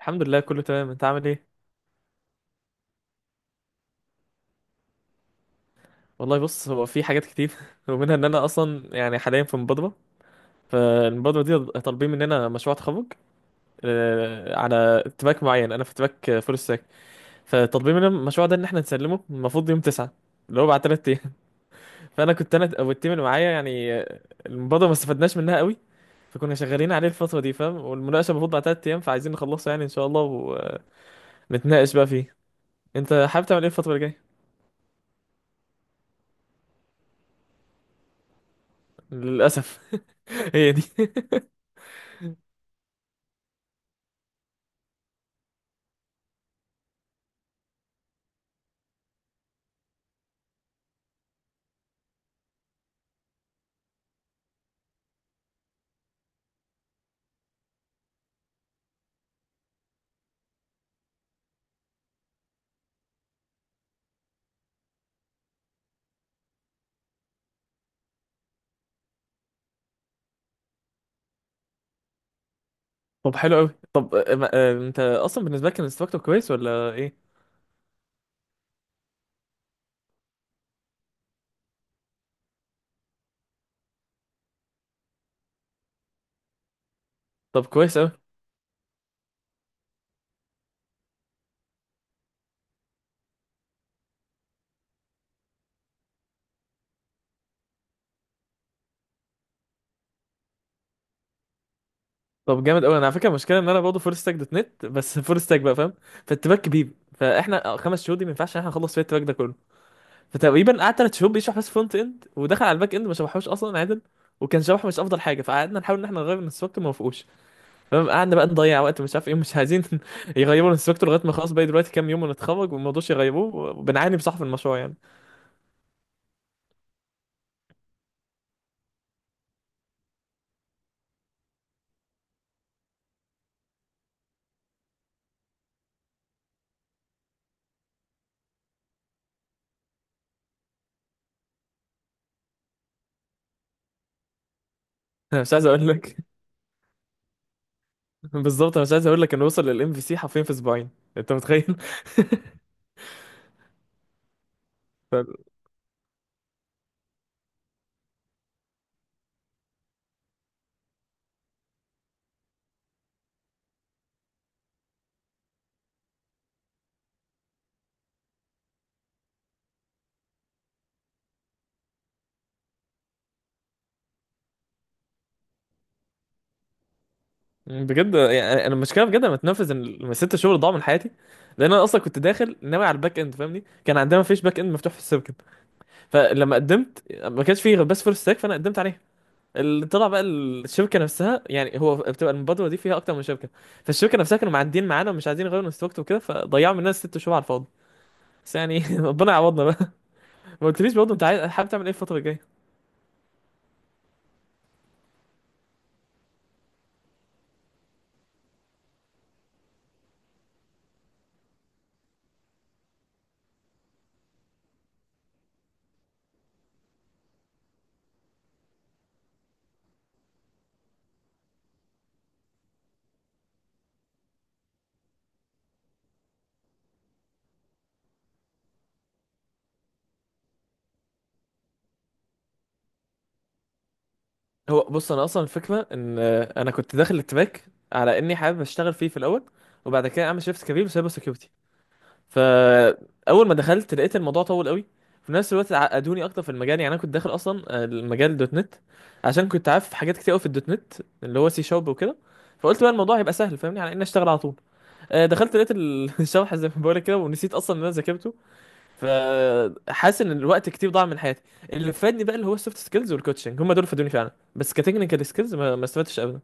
الحمد لله كله تمام. انت عامل ايه؟ والله بص، هو في حاجات كتير. ومنها ان انا اصلا يعني حاليا في مبادره. فالمبادره دي طالبين مننا مشروع تخرج، على تراك معين. انا في تراك فول ستاك. فطالبين مننا المشروع ده ان احنا نسلمه المفروض يوم 9، اللي هو بعد 3 ايام. فانا كنت انا والتيم اللي معايا يعني، المبادره ما استفدناش منها قوي. فكنا شغالين عليه الفتره دي، فاهم؟ والمناقشه المفروض بعد 3 ايام، فعايزين نخلصه يعني ان شاء الله ونتناقش بقى فيه. انت حابب تعمل ايه الفتره اللي جايه؟ للاسف، هي دي. طب حلو قوي. طب انت اصلا بالنسبه لك كان الانستراكتور كويس ولا ايه؟ طب كويس قوي. طب جامد قوي. انا على فكره المشكله ان انا برضه فول ستاك دوت نت بس، فول ستاك بقى فاهم؟ فالتراك كبير. فاحنا خمس شهور دي ما ينفعش ان احنا نخلص فيها التراك ده كله. فتقريبا قعد ثلاث شهور بيشرح بس فرونت اند، ودخل على الباك اند ما شرحوش اصلا عادل. وكان شرحه مش افضل حاجه، فقعدنا نحاول ان احنا نغير الانستراكتور ما وافقوش. فاهم؟ قعدنا بقى نضيع وقت، مش عارف ايه، مش عايزين يغيروا الانستراكتور لغايه ما خلاص باقي دلوقتي كام يوم ونتخرج، وما رضوش يغيروه وبنعاني بصح في المشروع يعني. مش عايز اقول لك. بالظبط انا مش عايز اقول لك انه وصل للام في سي حرفيا في اسبوعين. انت متخيل؟ ف- بجد يعني انا المشكله، بجد انا متنفذ ان الست شهور ضاعوا من حياتي. لان انا اصلا كنت داخل ناوي على الباك اند، فاهمني؟ كان عندنا مفيش باك اند مفتوح في السيركت. فلما قدمت، ما كانش فيه غير بس فول ستاك، فانا قدمت عليها. اللي طلع بقى، الشركه نفسها، يعني هو بتبقى المبادره دي فيها اكتر من شركه. فالشركه نفسها كانوا معدين معانا ومش عايزين يغيروا الانستراكتور وكده، فضيعوا مننا ست شهور على الفاضي. بس يعني ربنا يعوضنا بقى. ما قلتليش برضه، انت عايز حابب تعمل ايه الفتره الجايه؟ هو بص، انا اصلا الفكره ان انا كنت داخل التراك على اني حابب اشتغل فيه في الاول، وبعد كده اعمل شيفت كبير بسايبر سيكيورتي. فاول ما دخلت لقيت الموضوع طول قوي. في نفس الوقت عقدوني اكتر في المجال. يعني انا كنت داخل اصلا المجال دوت نت، عشان كنت عارف حاجات كتير قوي في الدوت نت، اللي هو سي شارب وكده. فقلت بقى الموضوع هيبقى سهل، فاهمني؟ على اني اشتغل على طول. دخلت لقيت الشرح زي ما بقولك كده، ونسيت اصلا ان انا ذاكرته. فحاسس ان الوقت كتير ضاع من حياتي. اللي فادني بقى اللي هو السوفت سكيلز والكوتشنج، هم دول فادوني فعلا، بس كتكنيكال سكيلز ما استفدتش ابدا.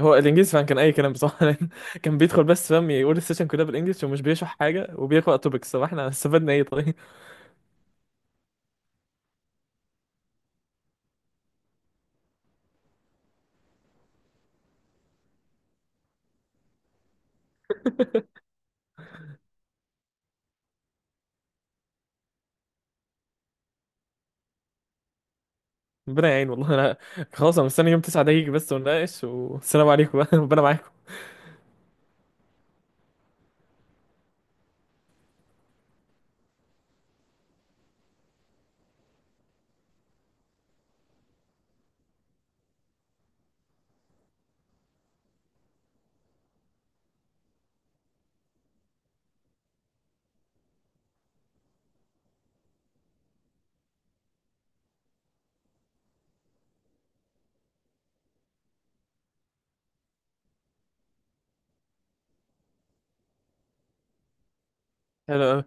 هو الانجليزي فعلا كان اي كلام بصراحه. لأن كان بيدخل بس، فاهم؟ يقول السيشن كلها بالانجلش ومش بيشرح حاجه، وبيقرا توبكس. طب احنا استفدنا ايه طيب؟ ربنا يعين. والله انا خلاص انا مستني يوم 9 ده يجي بس ونناقش، والسلام عليكم بقى. ربنا معاكم. حلو قوي.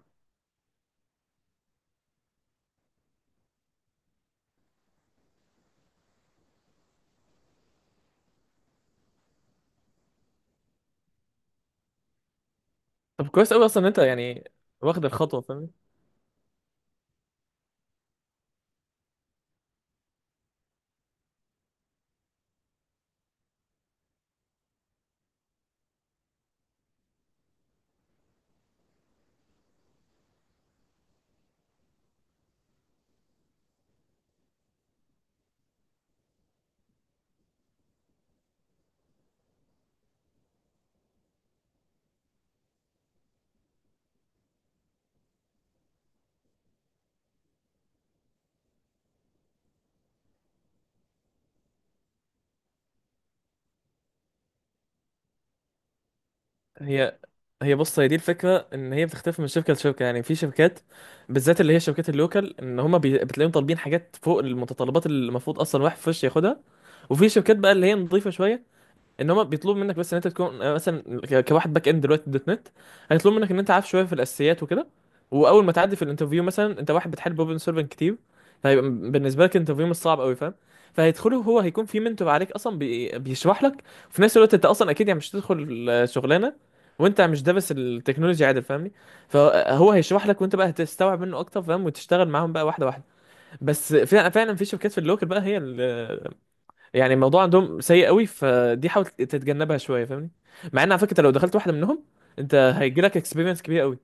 طب كويس قوي اصلا ان انت يعني واخد الخطوه، فاهم؟ هي هي بص، هي دي الفكره، ان هي بتختلف من شركه لشركه. يعني في شركات، بالذات اللي هي شركات اللوكال، ان هما بتلاقيهم طالبين حاجات فوق المتطلبات اللي المفروض اصلا واحد فريش ياخدها. وفي شركات بقى اللي هي نظيفه شويه، ان هم بيطلبوا منك بس ان انت تكون مثلا كواحد باك اند دلوقتي دوت نت، هيطلبوا منك ان انت عارف شويه في الاساسيات وكده. واول ما تعدي في الانترفيو، مثلا انت واحد بتحل بروبلم سولفنج كتير، فهيبقى بالنسبه لك الانترفيو مش صعب قوي، فاهم؟ فهيدخله، هو هيكون في منتور عليك اصلا بيشرح لك. وفي نفس الوقت انت اصلا اكيد يعني مش هتدخل شغلانه وانت مش دارس التكنولوجي عادل، فاهمني؟ فهو هيشرح لك وانت بقى هتستوعب منه اكتر، فاهم؟ وتشتغل معاهم بقى واحده واحده. بس فعلا فعلا في شركات في اللوكل بقى، هي يعني الموضوع عندهم سيء قوي، فدي حاول تتجنبها شويه، فاهمني؟ مع ان على فكره لو دخلت واحده منهم، انت هيجي لك اكسبيرينس كبيره قوي.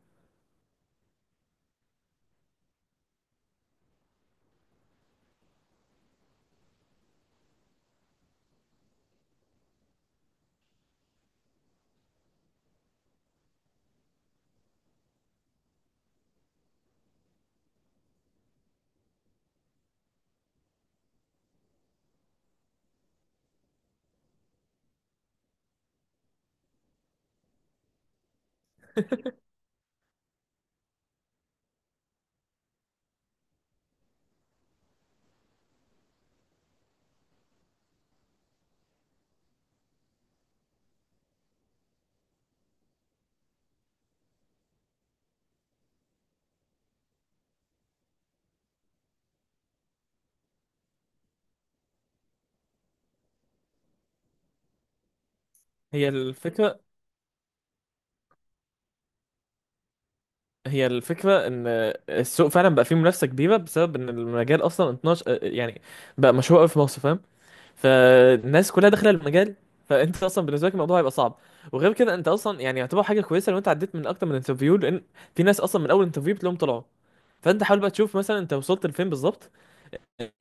هي الفكره هي الفكره ان السوق فعلا بقى فيه منافسه كبيره، بسبب ان المجال اصلا 12 يعني بقى مشهور قوي في مصر، فاهم؟ فالناس كلها داخله المجال. فانت اصلا بالنسبه لك الموضوع هيبقى صعب. وغير كده انت اصلا يعني يعتبر حاجه كويسه لو انت عديت من اكتر من انترفيو، لان في ناس اصلا من اول انترفيو بتلاقيهم طلعوا. فانت حاول بقى تشوف مثلا انت وصلت لفين بالظبط.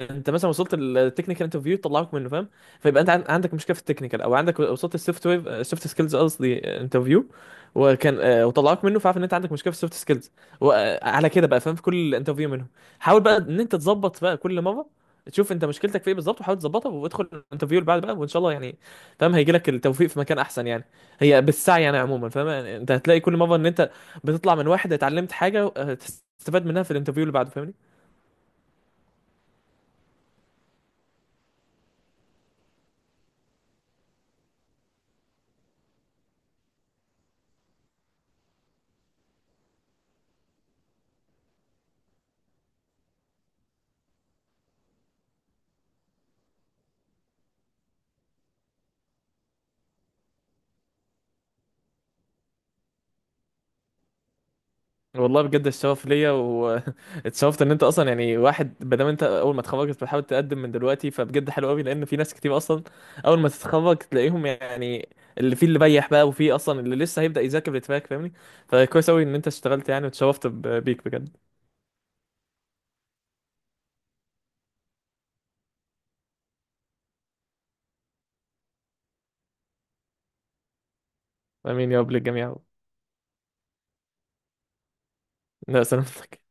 انت مثلا وصلت التكنيكال انترفيو طلعوك منه، فاهم؟ فيبقى انت عندك مشكله في التكنيكال، او عندك وصلت السوفت وير، السوفت سكيلز قصدي، انترفيو وكان وطلعوك منه، فعارف ان انت عندك مشكله في السوفت سكيلز. وعلى كده بقى، فاهم؟ في كل انترفيو منهم حاول بقى ان انت تظبط بقى، كل مره تشوف انت مشكلتك في ايه بالظبط وحاول تظبطها، وادخل الانترفيو اللي بعد بقى وان شاء الله يعني، فاهم؟ هيجي لك التوفيق في مكان احسن يعني. هي بالسعي يعني عموما، فاهم؟ يعني انت هتلاقي كل مره ان انت بتطلع من واحد اتعلمت حاجه تستفاد منها في الانترفيو اللي بعده، فاهمني؟ والله بجد الشغف ليا، واتشرفت ان انت اصلا، يعني واحد ما دام انت اول ما اتخرجت بتحاول تقدم من دلوقتي، فبجد حلو قوي. لان في ناس كتير اصلا اول ما تتخرج تلاقيهم يعني اللي فيه اللي بيح بقى، وفيه اصلا اللي لسه هيبدأ يذاكر للتراك، فاهمني؟ فكويس قوي ان انت اشتغلت يعني، واتشرفت بيك بجد. امين يا رب للجميع. لا سلامتك.